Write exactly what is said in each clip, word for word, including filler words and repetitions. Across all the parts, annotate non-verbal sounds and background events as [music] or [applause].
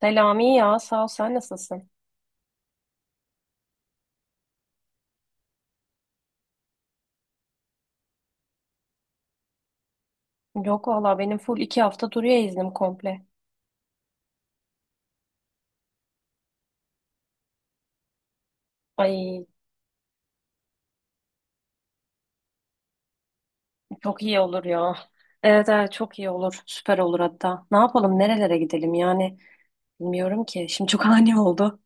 Selami, ya sağ ol sen nasılsın? Yok valla benim full iki hafta duruyor iznim komple. Ay çok iyi olur ya. Evet, evet çok iyi olur. Süper olur hatta. Ne yapalım, nerelere gidelim yani bilmiyorum ki. Şimdi çok [laughs] ani oldu.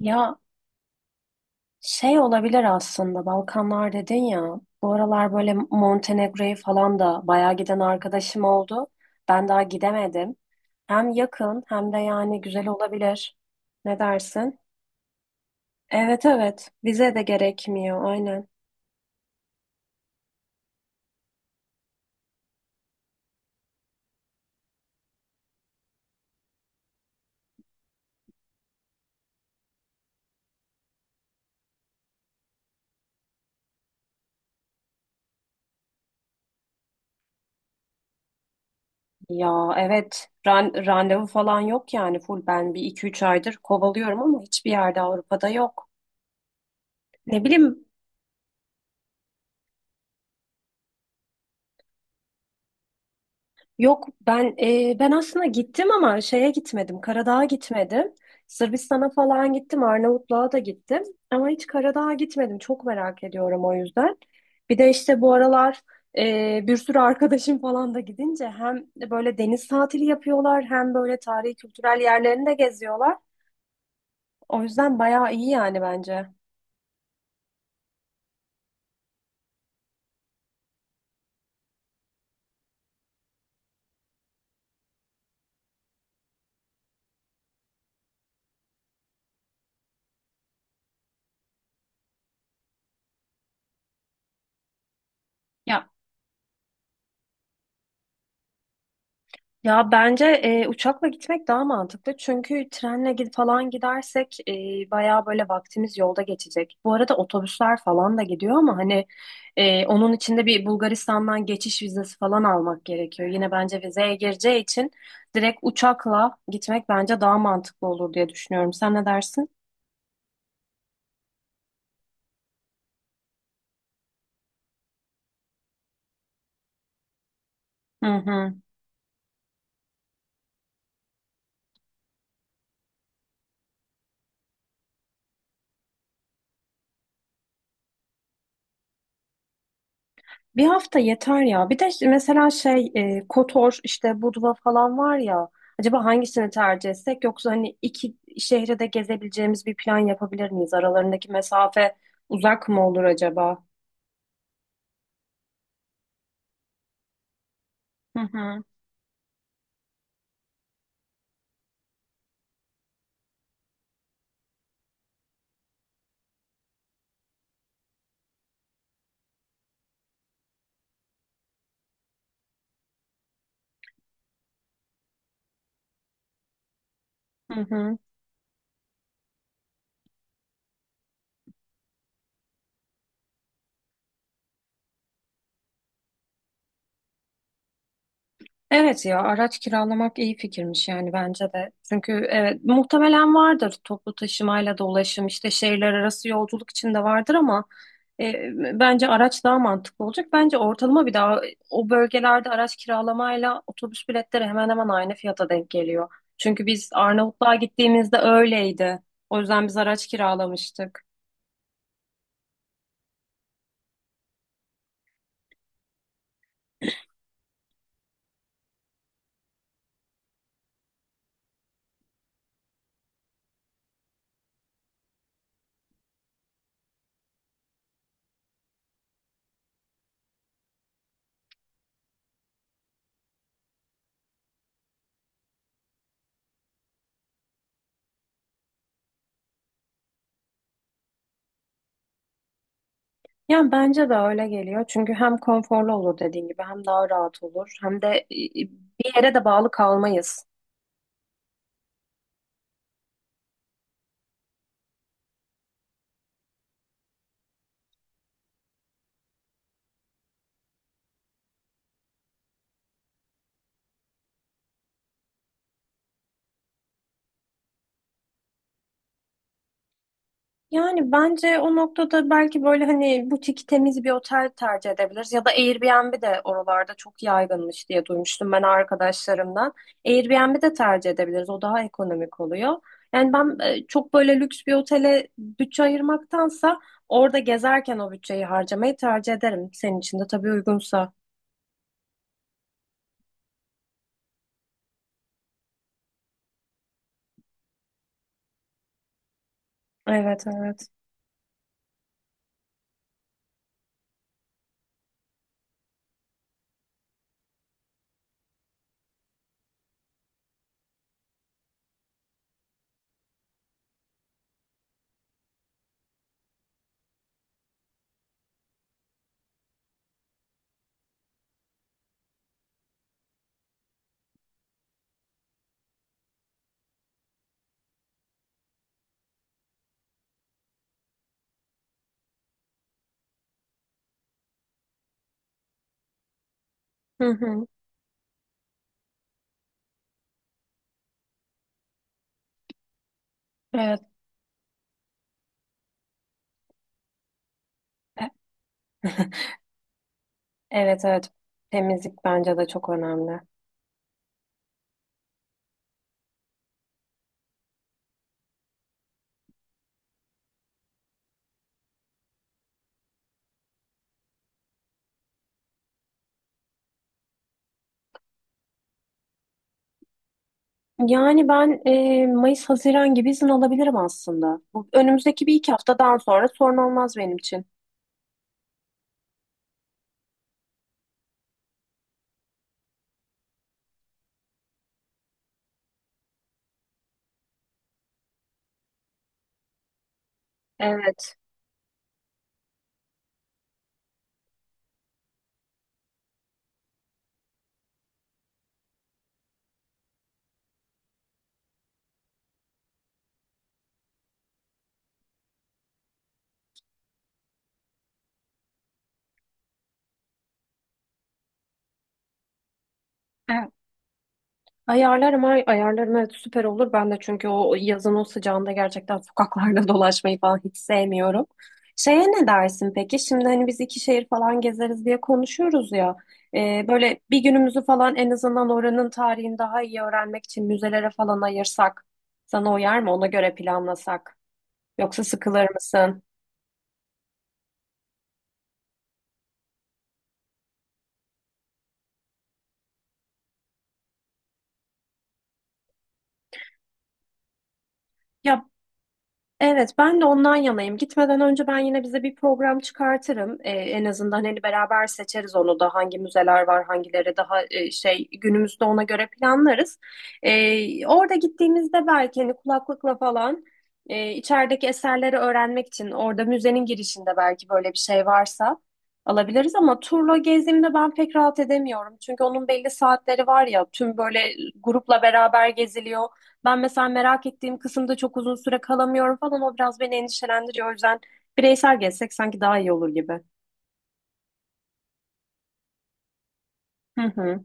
Ya şey olabilir aslında, Balkanlar dedin ya. Bu aralar böyle Montenegro'yu falan da bayağı giden arkadaşım oldu. Ben daha gidemedim. Hem yakın hem de yani güzel olabilir. Ne dersin? Evet, evet vize de gerekmiyor aynen. Ya evet, ran- randevu falan yok, yani full ben bir iki üç aydır kovalıyorum ama hiçbir yerde Avrupa'da yok. Ne bileyim, yok ben e, ben aslında gittim ama şeye gitmedim, Karadağ'a gitmedim. Sırbistan'a falan gittim, Arnavutluğa da gittim ama hiç Karadağ'a gitmedim, çok merak ediyorum o yüzden. Bir de işte bu aralar e, bir sürü [laughs] arkadaşım falan da gidince hem böyle deniz tatili yapıyorlar hem böyle tarihi kültürel yerlerini de geziyorlar. O yüzden bayağı iyi yani bence. Ya ya bence e, uçakla gitmek daha mantıklı. Çünkü trenle gid falan gidersek e, bayağı böyle vaktimiz yolda geçecek. Bu arada otobüsler falan da gidiyor ama hani e, onun içinde bir Bulgaristan'dan geçiş vizesi falan almak gerekiyor. Yine bence vizeye gireceği için direkt uçakla gitmek bence daha mantıklı olur diye düşünüyorum. Sen ne dersin? Hı hı. Bir hafta yeter ya. Bir de işte mesela şey e, Kotor işte Budva falan var ya. Acaba hangisini tercih etsek, yoksa hani iki şehri de gezebileceğimiz bir plan yapabilir miyiz? Aralarındaki mesafe uzak mı olur acaba? Hı hı. Hı hı. Evet, ya araç kiralamak iyi fikirmiş yani bence de. Çünkü evet, muhtemelen vardır toplu taşımayla da ulaşım işte şehirler arası yolculuk için de vardır ama e, bence araç daha mantıklı olacak. Bence ortalama bir daha o bölgelerde araç kiralamayla otobüs biletleri hemen hemen aynı fiyata denk geliyor. Çünkü biz Arnavutluğa gittiğimizde öyleydi. O yüzden biz araç kiralamıştık. Yani bence de öyle geliyor. Çünkü hem konforlu olur dediğin gibi, hem daha rahat olur, hem de e, bir yere de bağlı kalmayız. Yani bence o noktada belki böyle hani butik temiz bir otel tercih edebiliriz ya da Airbnb de oralarda çok yaygınmış diye duymuştum ben arkadaşlarımdan. Airbnb de tercih edebiliriz. O daha ekonomik oluyor. Yani ben e, çok böyle lüks bir otele bütçe ayırmaktansa orada gezerken o bütçeyi harcamayı tercih ederim. Senin için de tabii uygunsa. Evet, evet. Hı hı. Evet. E- Evet, evet. Temizlik bence de çok önemli. Yani ben e, Mayıs-Haziran gibi izin alabilirim aslında. Bu önümüzdeki bir iki haftadan sonra sorun olmaz benim için. Evet. Evet. Ayarlarım, ay ayarlarım, evet süper olur. Ben de çünkü o yazın o sıcağında gerçekten sokaklarda [laughs] dolaşmayı falan hiç sevmiyorum. Şeye ne dersin peki? Şimdi hani biz iki şehir falan gezeriz diye konuşuyoruz ya. E, böyle bir günümüzü falan en azından oranın tarihini daha iyi öğrenmek için müzelere falan ayırsak. Sana uyar mı? Ona göre planlasak. Yoksa sıkılır mısın? Ya Evet, ben de ondan yanayım. Gitmeden önce ben yine bize bir program çıkartırım. Ee, en azından hani beraber seçeriz, onu da hangi müzeler var, hangileri daha e, şey günümüzde ona göre planlarız. Ee, orada gittiğimizde belki hani kulaklıkla falan e, içerideki eserleri öğrenmek için orada müzenin girişinde belki böyle bir şey varsa alabiliriz ama turla gezdiğimde ben pek rahat edemiyorum. Çünkü onun belli saatleri var ya, tüm böyle grupla beraber geziliyor. Ben mesela merak ettiğim kısımda çok uzun süre kalamıyorum falan. O biraz beni endişelendiriyor. O yüzden bireysel gezsek sanki daha iyi olur gibi. Hı hı.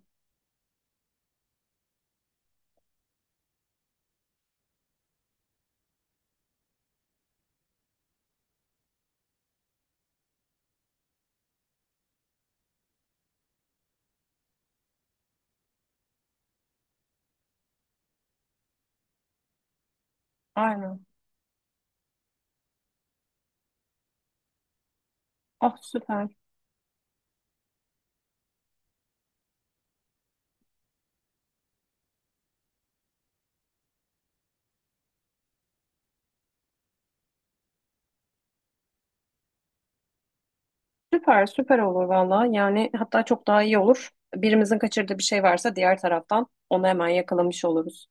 Aynen. Ah süper. Süper, süper olur valla. Yani hatta çok daha iyi olur. Birimizin kaçırdığı bir şey varsa diğer taraftan onu hemen yakalamış oluruz.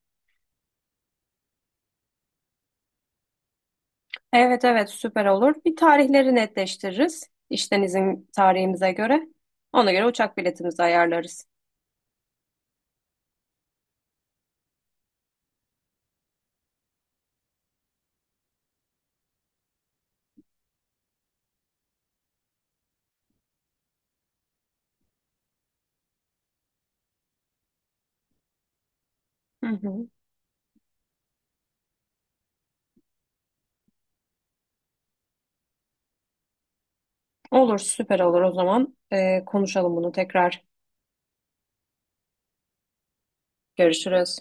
Evet, evet süper olur. Bir tarihleri netleştiririz. İşten izin tarihimize göre. Ona göre uçak biletimizi ayarlarız. Hı hı. Olur, süper olur o zaman. Ee, konuşalım bunu tekrar. Görüşürüz.